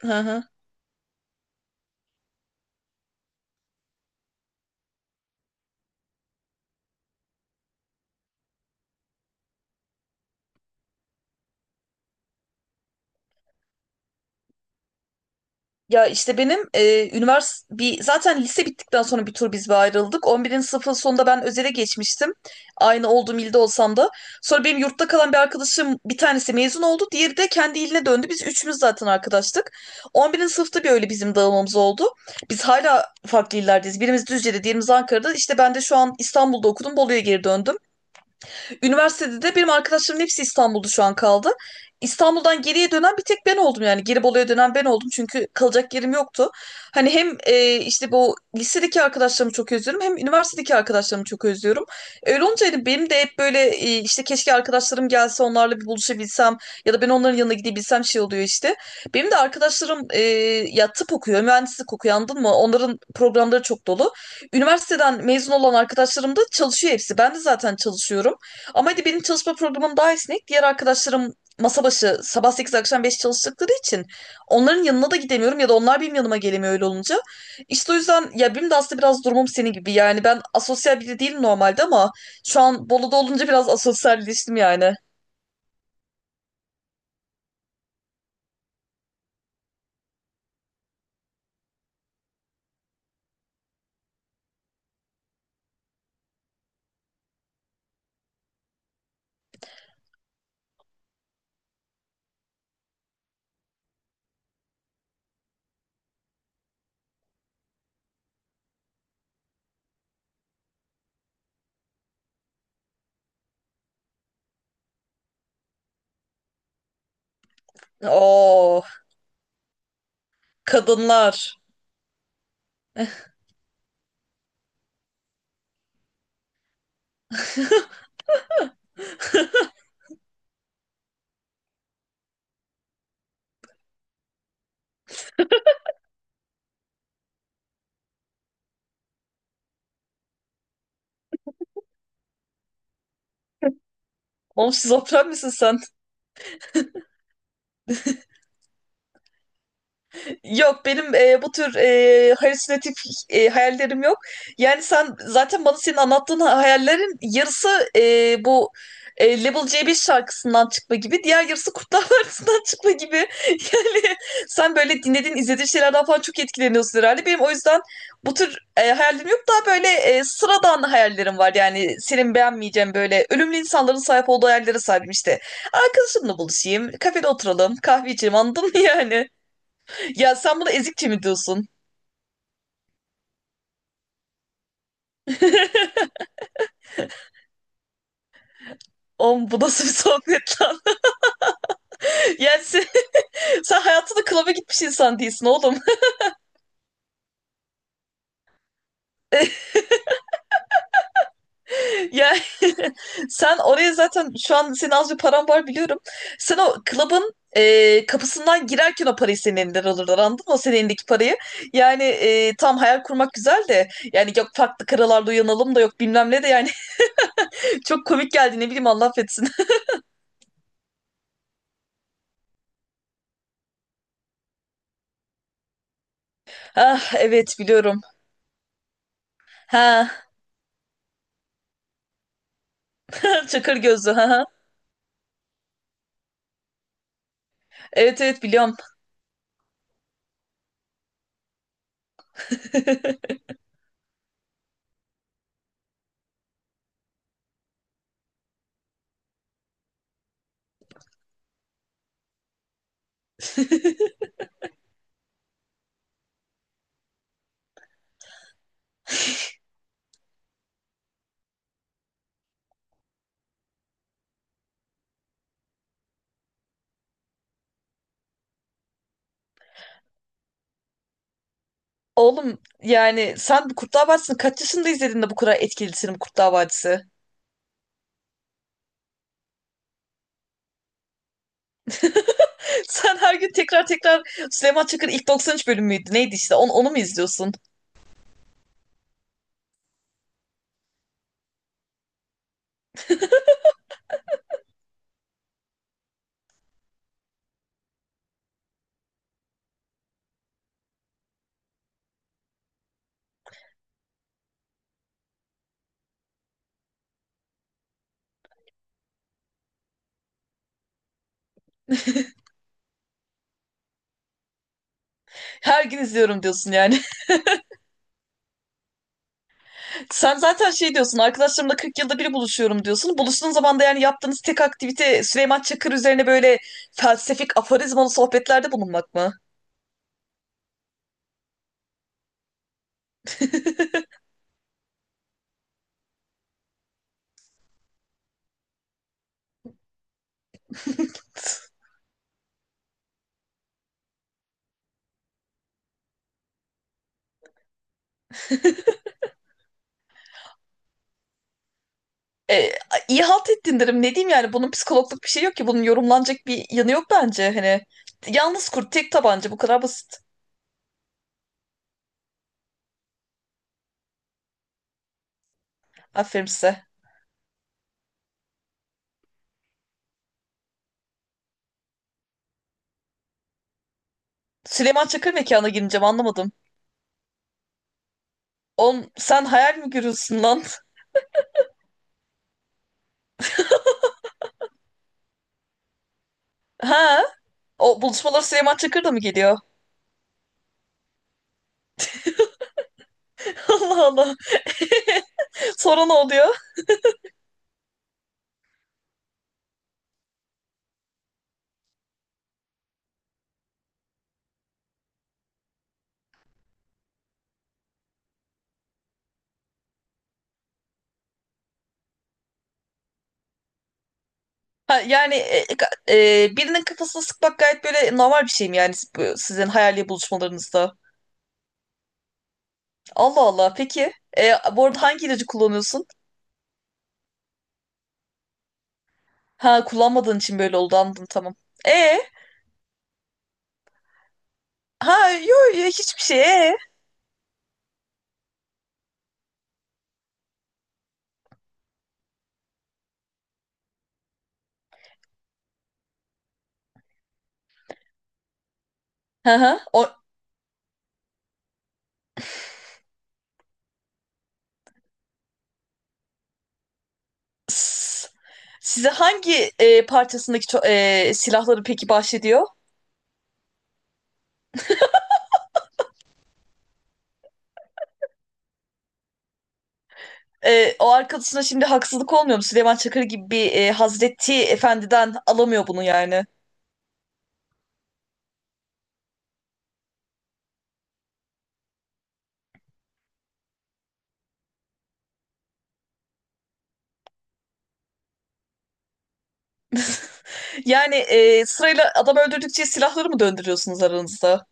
Hı hı. Ya işte benim üniversite bir zaten lise bittikten sonra bir tur biz bir ayrıldık. 11. sınıfın sonunda ben özele geçmiştim. Aynı olduğum ilde olsam da. Sonra benim yurtta kalan bir arkadaşım bir tanesi mezun oldu. Diğeri de kendi iline döndü. Biz üçümüz zaten arkadaştık. 11. sınıfta bir öyle bizim dağılmamız oldu. Biz hala farklı illerdeyiz. Birimiz Düzce'de, diğerimiz Ankara'da. İşte ben de şu an İstanbul'da okudum. Bolu'ya geri döndüm. Üniversitede de benim arkadaşlarımın hepsi İstanbul'da şu an kaldı. İstanbul'dan geriye dönen bir tek ben oldum yani. Gelibolu'ya dönen ben oldum çünkü kalacak yerim yoktu. Hani hem işte bu lisedeki arkadaşlarımı çok özlüyorum, hem üniversitedeki arkadaşlarımı çok özlüyorum. Öyle olunca hani benim de hep böyle işte keşke arkadaşlarım gelse, onlarla bir buluşabilsem ya da ben onların yanına gidebilsem şey oluyor işte. Benim de arkadaşlarım ya tıp okuyor, mühendislik okuyor, anladın mı? Onların programları çok dolu. Üniversiteden mezun olan arkadaşlarım da çalışıyor hepsi. Ben de zaten çalışıyorum. Ama hadi benim çalışma programım daha esnek. Diğer arkadaşlarım masa başı sabah 8 akşam 5 çalıştıkları için onların yanına da gidemiyorum ya da onlar benim yanıma gelemiyor öyle olunca. İşte o yüzden ya, benim de aslında biraz durumum senin gibi. Yani ben asosyal biri değilim normalde ama şu an Bolu'da olunca biraz asosyalleştim yani. Oo, kadınlar. Oğlum, şizofren misin sen? Yok, benim bu tür halüsinatif hayallerim yok. Yani sen zaten bana, senin anlattığın hayallerin yarısı bu Level C5 şarkısından çıkma gibi, diğer yarısı Kurtlar Vadisi'nden çıkma gibi. Yani sen böyle dinlediğin, izlediğin şeylerden falan çok etkileniyorsun herhalde. Benim o yüzden bu tür hayallerim yok. Daha böyle sıradan hayallerim var. Yani senin beğenmeyeceğin böyle ölümlü insanların sahip olduğu hayallere sahibim işte. Arkadaşımla buluşayım, kafede oturalım, kahve içelim, anladın mı yani? Ya sen buna ezikçe mi diyorsun? Oğlum, bu nasıl bir sohbet lan? Yani sen hayatında klaba gitmiş insan değilsin oğlum. Yani sen oraya, zaten şu an senin az bir paran var biliyorum. Sen o klabın kapısından girerken o parayı senin elinden alırlar, anladın mı? O senin elindeki parayı. Yani tam hayal kurmak güzel de, yani yok farklı karalarda uyanalım, da yok bilmem ne de yani çok komik geldi, ne bileyim, Allah affetsin. Ah evet, biliyorum. Ha. Çakır gözlü, ha. Ha. Evet evet, biliyorum. Oğlum, yani sen Kurtlar Vadisi'ni kaç yaşında izledin de bu kadar etkilisin Kurtlar Vadisi? Sen her gün tekrar tekrar Süleyman Çakır'ın ilk 93 bölüm müydü? Neydi işte? Onu mu izliyorsun? Her gün izliyorum diyorsun yani. Sen zaten şey diyorsun, arkadaşlarımla 40 yılda bir buluşuyorum diyorsun. Buluştuğun zaman da yani yaptığınız tek aktivite Süleyman Çakır üzerine böyle felsefik aforizmalı sohbetlerde bulunmak mı? E, iyi halt ettin derim. Ne diyeyim yani, bunun psikologluk bir şey yok ki. Bunun yorumlanacak bir yanı yok bence. Hani yalnız kurt, tek tabanca, bu kadar basit. Aferin size. Süleyman Çakır mekana gireceğim, anlamadım. On, sen hayal mi görüyorsun lan? Ha? O buluşmalar Süleyman Çakır da mı geliyor? Allah Allah. Sonra ne oluyor? Ha, yani birinin kafasına sıkmak gayet böyle normal bir şey mi yani, sizin hayali buluşmalarınızda? Allah Allah. Peki. Bu arada hangi ilacı kullanıyorsun? Ha, kullanmadığın için böyle oldu, anladım, tamam. E ha yo yo, hiçbir şey e. Hı hı. S- size hangi parçasındaki silahları peki bahşediyor? O arkadaşına şimdi haksızlık olmuyor mu? Süleyman Çakır gibi bir Hazreti Efendi'den alamıyor bunu yani. Yani sırayla adam öldürdükçe silahları mı döndürüyorsunuz aranızda?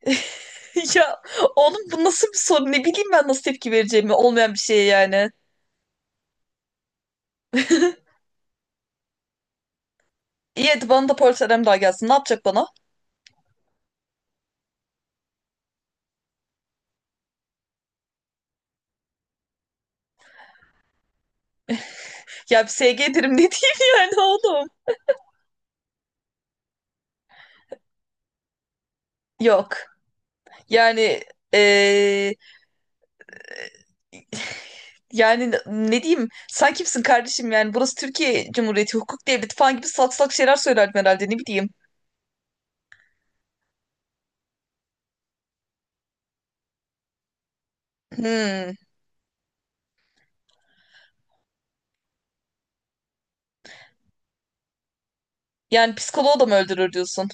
Ya oğlum, bu nasıl bir soru? Ne bileyim ben, nasıl tepki vereceğimi olmayan bir şeye yani. İyi hadi, bana da polis daha gelsin. Ne yapacak bana? Ya, bir SG derim, ne diyeyim. Yani oğlum. Yok. Yani eee, yani ne diyeyim? Sen kimsin kardeşim yani? Burası Türkiye Cumhuriyeti, hukuk devleti falan gibi salak salak şeyler söylerdim herhalde, ne bileyim. Hmm. Yani psikoloğu da mı öldürür diyorsun?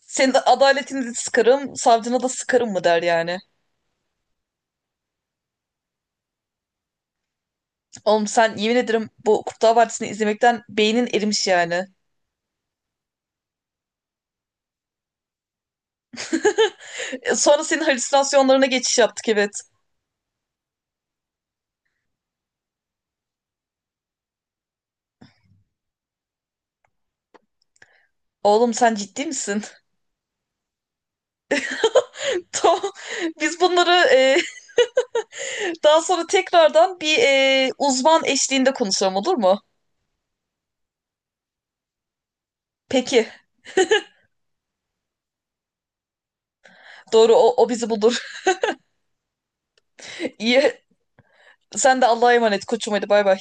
Senin adaletini de sıkarım, savcına da sıkarım mı der yani. Oğlum, sen yemin ederim bu Kurtlar Vadisi'ni izlemekten beynin erimiş yani. Sonra senin halüsinasyonlarına geçiş yaptık, evet. Oğlum, sen ciddi misin? Tamam. Biz bunları daha sonra tekrardan bir uzman eşliğinde konuşalım, olur mu? Peki. Doğru, o bizi bulur. İyi. Sen de Allah'a emanet koçum, hadi bay bay.